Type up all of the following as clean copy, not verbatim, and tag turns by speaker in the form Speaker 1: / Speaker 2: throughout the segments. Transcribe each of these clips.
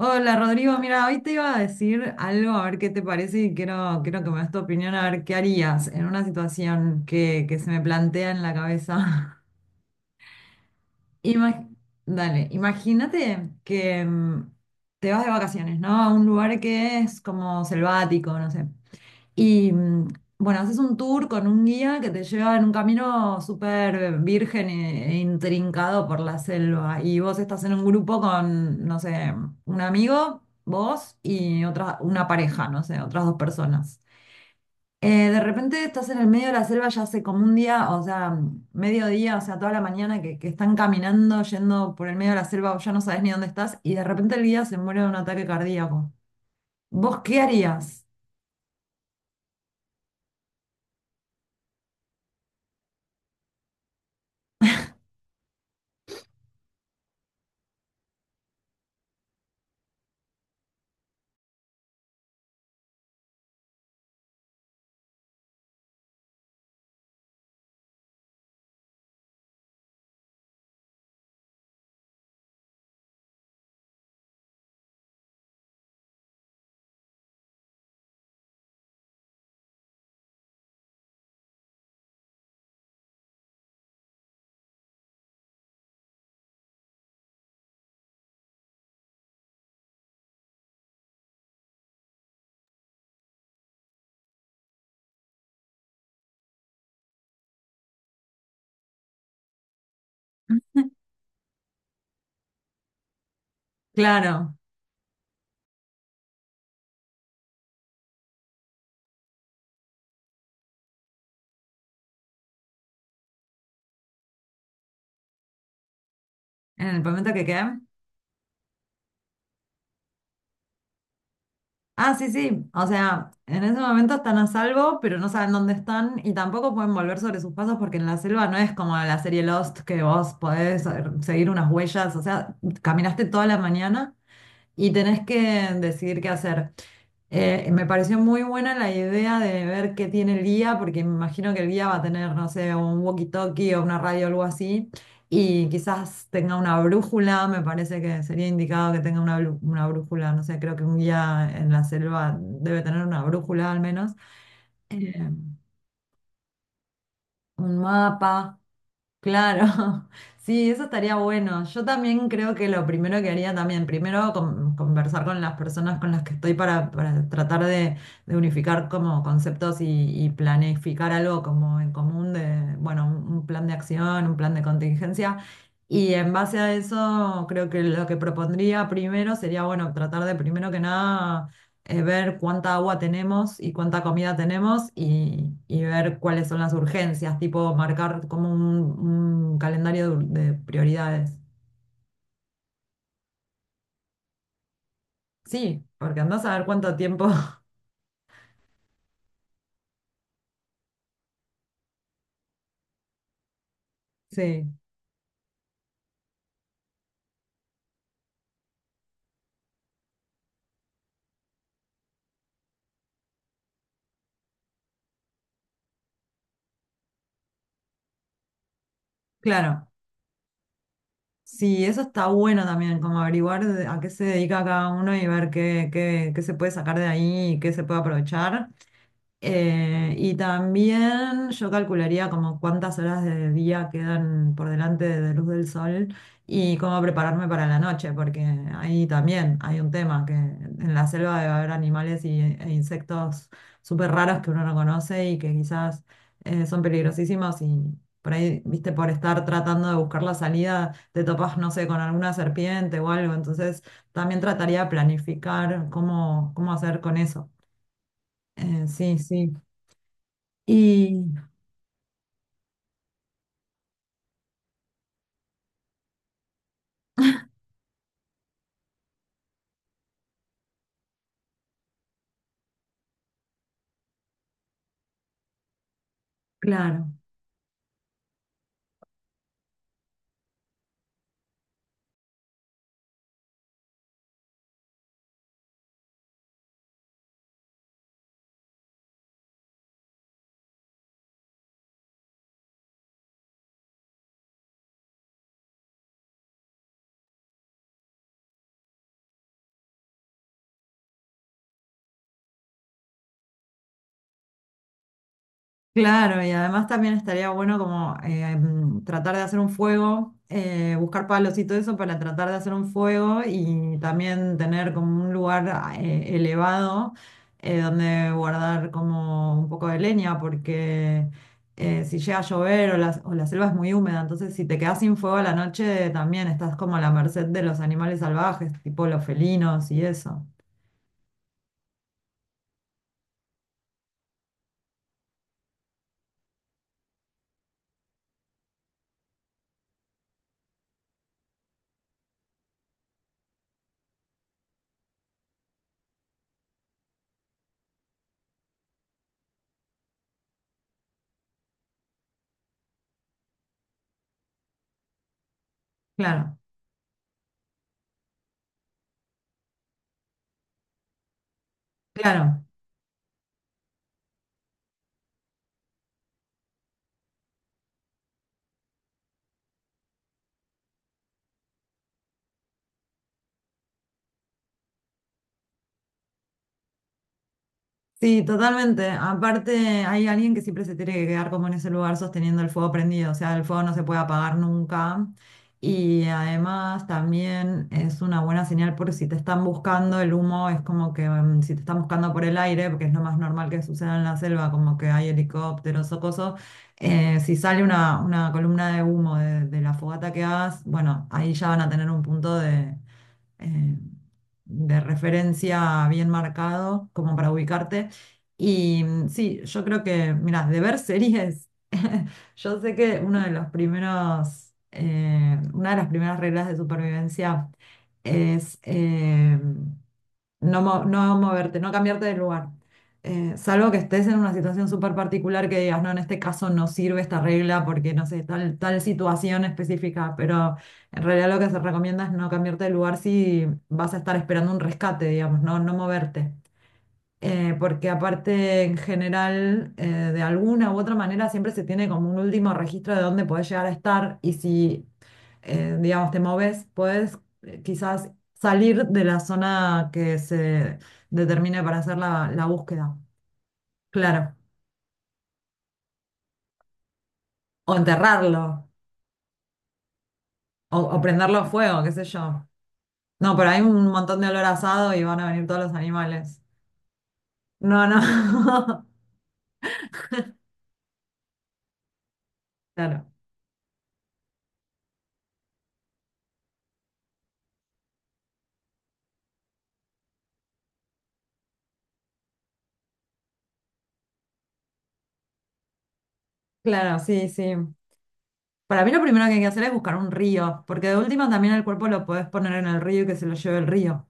Speaker 1: Hola Rodrigo, mira, hoy te iba a decir algo, a ver qué te parece y quiero que me des tu opinión, a ver qué harías en una situación que se me plantea en la cabeza. Ima- Dale, imagínate que te vas de vacaciones, ¿no? A un lugar que es como selvático, no sé. Y bueno, haces un tour con un guía que te lleva en un camino súper virgen e intrincado por la selva. Y vos estás en un grupo con, no sé, un amigo, vos y otra, una pareja, no sé, otras dos personas. De repente estás en el medio de la selva ya hace como un día, o sea, mediodía, o sea, toda la mañana que están caminando, yendo por el medio de la selva, vos ya no sabes ni dónde estás, y de repente el guía se muere de un ataque cardíaco. ¿Vos qué harías? Claro, en el momento que quede. Ah, sí, sí. O sea, en ese momento están a salvo, pero no saben dónde están y tampoco pueden volver sobre sus pasos porque en la selva no es como la serie Lost que vos podés seguir unas huellas. O sea, caminaste toda la mañana y tenés que decidir qué hacer. Me pareció muy buena la idea de ver qué tiene el guía, porque me imagino que el guía va a tener, no sé, un walkie-talkie o una radio o algo así, y quizás tenga una brújula, me parece que sería indicado que tenga una, una brújula, no sé, creo que un guía en la selva debe tener una brújula al menos, eh, un mapa. Claro, sí, eso estaría bueno. Yo también creo que lo primero que haría también, primero conversar con las personas con las que estoy para tratar de unificar como conceptos y planificar algo como en común de, bueno, un plan de acción, un plan de contingencia. Y en base a eso, creo que lo que propondría primero sería, bueno, tratar de primero que nada ver cuánta agua tenemos y cuánta comida tenemos y ver cuáles son las urgencias, tipo marcar como un calendario de prioridades. Sí, porque andás a ver cuánto tiempo. Sí, claro. Sí, eso está bueno también, como averiguar a qué se dedica cada uno y ver qué, qué, qué se puede sacar de ahí y qué se puede aprovechar. Y también yo calcularía como cuántas horas de día quedan por delante de luz del sol y cómo prepararme para la noche, porque ahí también hay un tema, que en la selva debe haber animales y, e insectos súper raros que uno no conoce y que quizás son peligrosísimos y por ahí, viste, por estar tratando de buscar la salida, te topas, no sé, con alguna serpiente o algo, entonces también trataría de planificar cómo, cómo hacer con eso. Sí, sí. Y claro, claro, y además también estaría bueno como tratar de hacer un fuego, buscar palos y todo eso para tratar de hacer un fuego y también tener como un lugar ah, elevado donde guardar como un poco de leña, porque si llega a llover o la selva es muy húmeda, entonces si te quedas sin fuego a la noche también estás como a la merced de los animales salvajes, tipo los felinos y eso. Claro, claro. Sí, totalmente. Aparte, hay alguien que siempre se tiene que quedar como en ese lugar sosteniendo el fuego prendido, o sea, el fuego no se puede apagar nunca. Y además también es una buena señal porque si te están buscando el humo, es como que si te están buscando por el aire, porque es lo más normal que suceda en la selva, como que hay helicópteros o cosas, si sale una columna de humo de la fogata que hagas, bueno, ahí ya van a tener un punto eh, de referencia bien marcado como para ubicarte. Y sí, yo creo que, mira, de ver series, yo sé que uno de los primeros, una de las primeras reglas de supervivencia es... no, no moverte, no cambiarte de lugar. Salvo que estés en una situación súper particular que digas, no, en este caso no sirve esta regla porque no sé, tal, tal situación específica, pero en realidad lo que se recomienda es no cambiarte de lugar si vas a estar esperando un rescate, digamos, no, no moverte porque aparte en general, de alguna u otra manera, siempre se tiene como un último registro de dónde podés llegar a estar y si, digamos, te moves, podés quizás salir de la zona que se determine para hacer la, la búsqueda. Claro. O enterrarlo, o prenderlo a fuego, qué sé yo. No, pero hay un montón de olor a asado y van a venir todos los animales. No, no. Claro, claro, sí, sí. Para mí lo primero que hay que hacer es buscar un río, porque de última también el cuerpo lo podés poner en el río y que se lo lleve el río.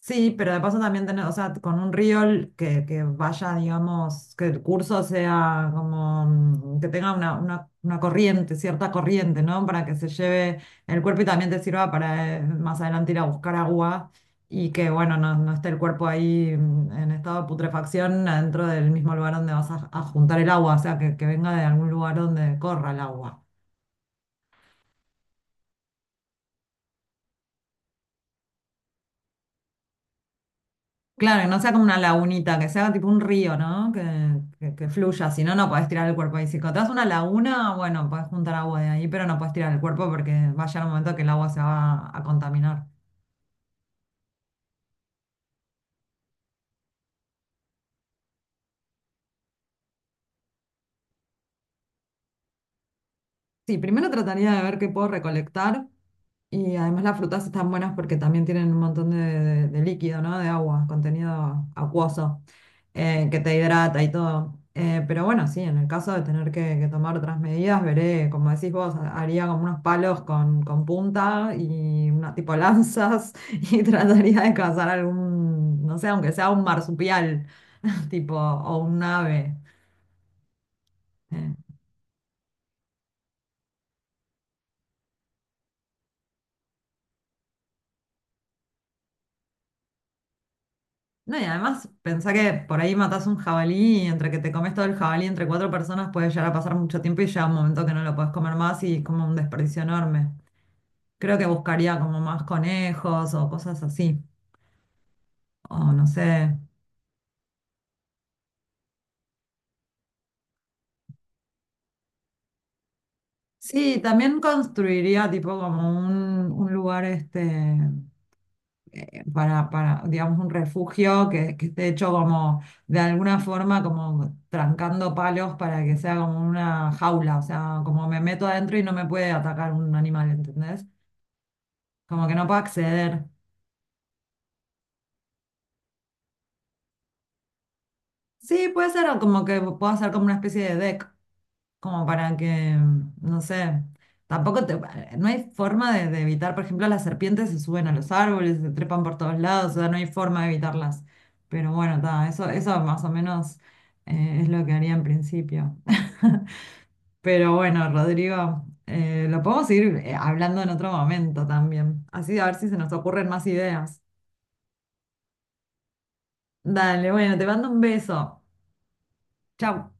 Speaker 1: Sí, pero de paso también tener, o sea, con un río que vaya, digamos, que el curso sea como que tenga una corriente, cierta corriente, ¿no? Para que se lleve el cuerpo y también te sirva para más adelante ir a buscar agua y que, bueno, no, no esté el cuerpo ahí en estado de putrefacción adentro del mismo lugar donde vas a juntar el agua, o sea, que venga de algún lugar donde corra el agua. Claro, que no sea como una lagunita, que sea tipo un río, ¿no? Que fluya, si no, no podés tirar el cuerpo ahí. Si te das una laguna, bueno, podés juntar agua de ahí, pero no podés tirar el cuerpo porque va a llegar un momento que el agua se va a contaminar. Sí, primero trataría de ver qué puedo recolectar. Y además las frutas están buenas porque también tienen un montón de, de líquido, ¿no? De agua, contenido acuoso, que te hidrata y todo. Pero bueno, sí, en el caso de tener que tomar otras medidas, veré, como decís vos, haría como unos palos con punta y una tipo lanzas y trataría de cazar algún, no sé, aunque sea un marsupial, tipo, o un ave. Eh, No, y además pensá que por ahí matás un jabalí y entre que te comes todo el jabalí entre cuatro personas puede llegar a pasar mucho tiempo y llega un momento que no lo puedes comer más y es como un desperdicio enorme. Creo que buscaría como más conejos o cosas así. O no sé. Sí, también construiría tipo como un lugar este. Para, digamos, un refugio que esté hecho como, de alguna forma, como trancando palos para que sea como una jaula, o sea, como me meto adentro y no me puede atacar un animal, ¿entendés? Como que no puedo acceder. Sí, puede ser o como que puedo hacer como una especie de deck, como para que, no sé, tampoco te, no hay forma de evitar, por ejemplo, las serpientes se suben a los árboles, se trepan por todos lados, o sea, no hay forma de evitarlas. Pero bueno, ta, eso más o menos es lo que haría en principio. Pero bueno, Rodrigo, lo podemos ir hablando en otro momento también. Así a ver si se nos ocurren más ideas. Dale, bueno, te mando un beso. Chau.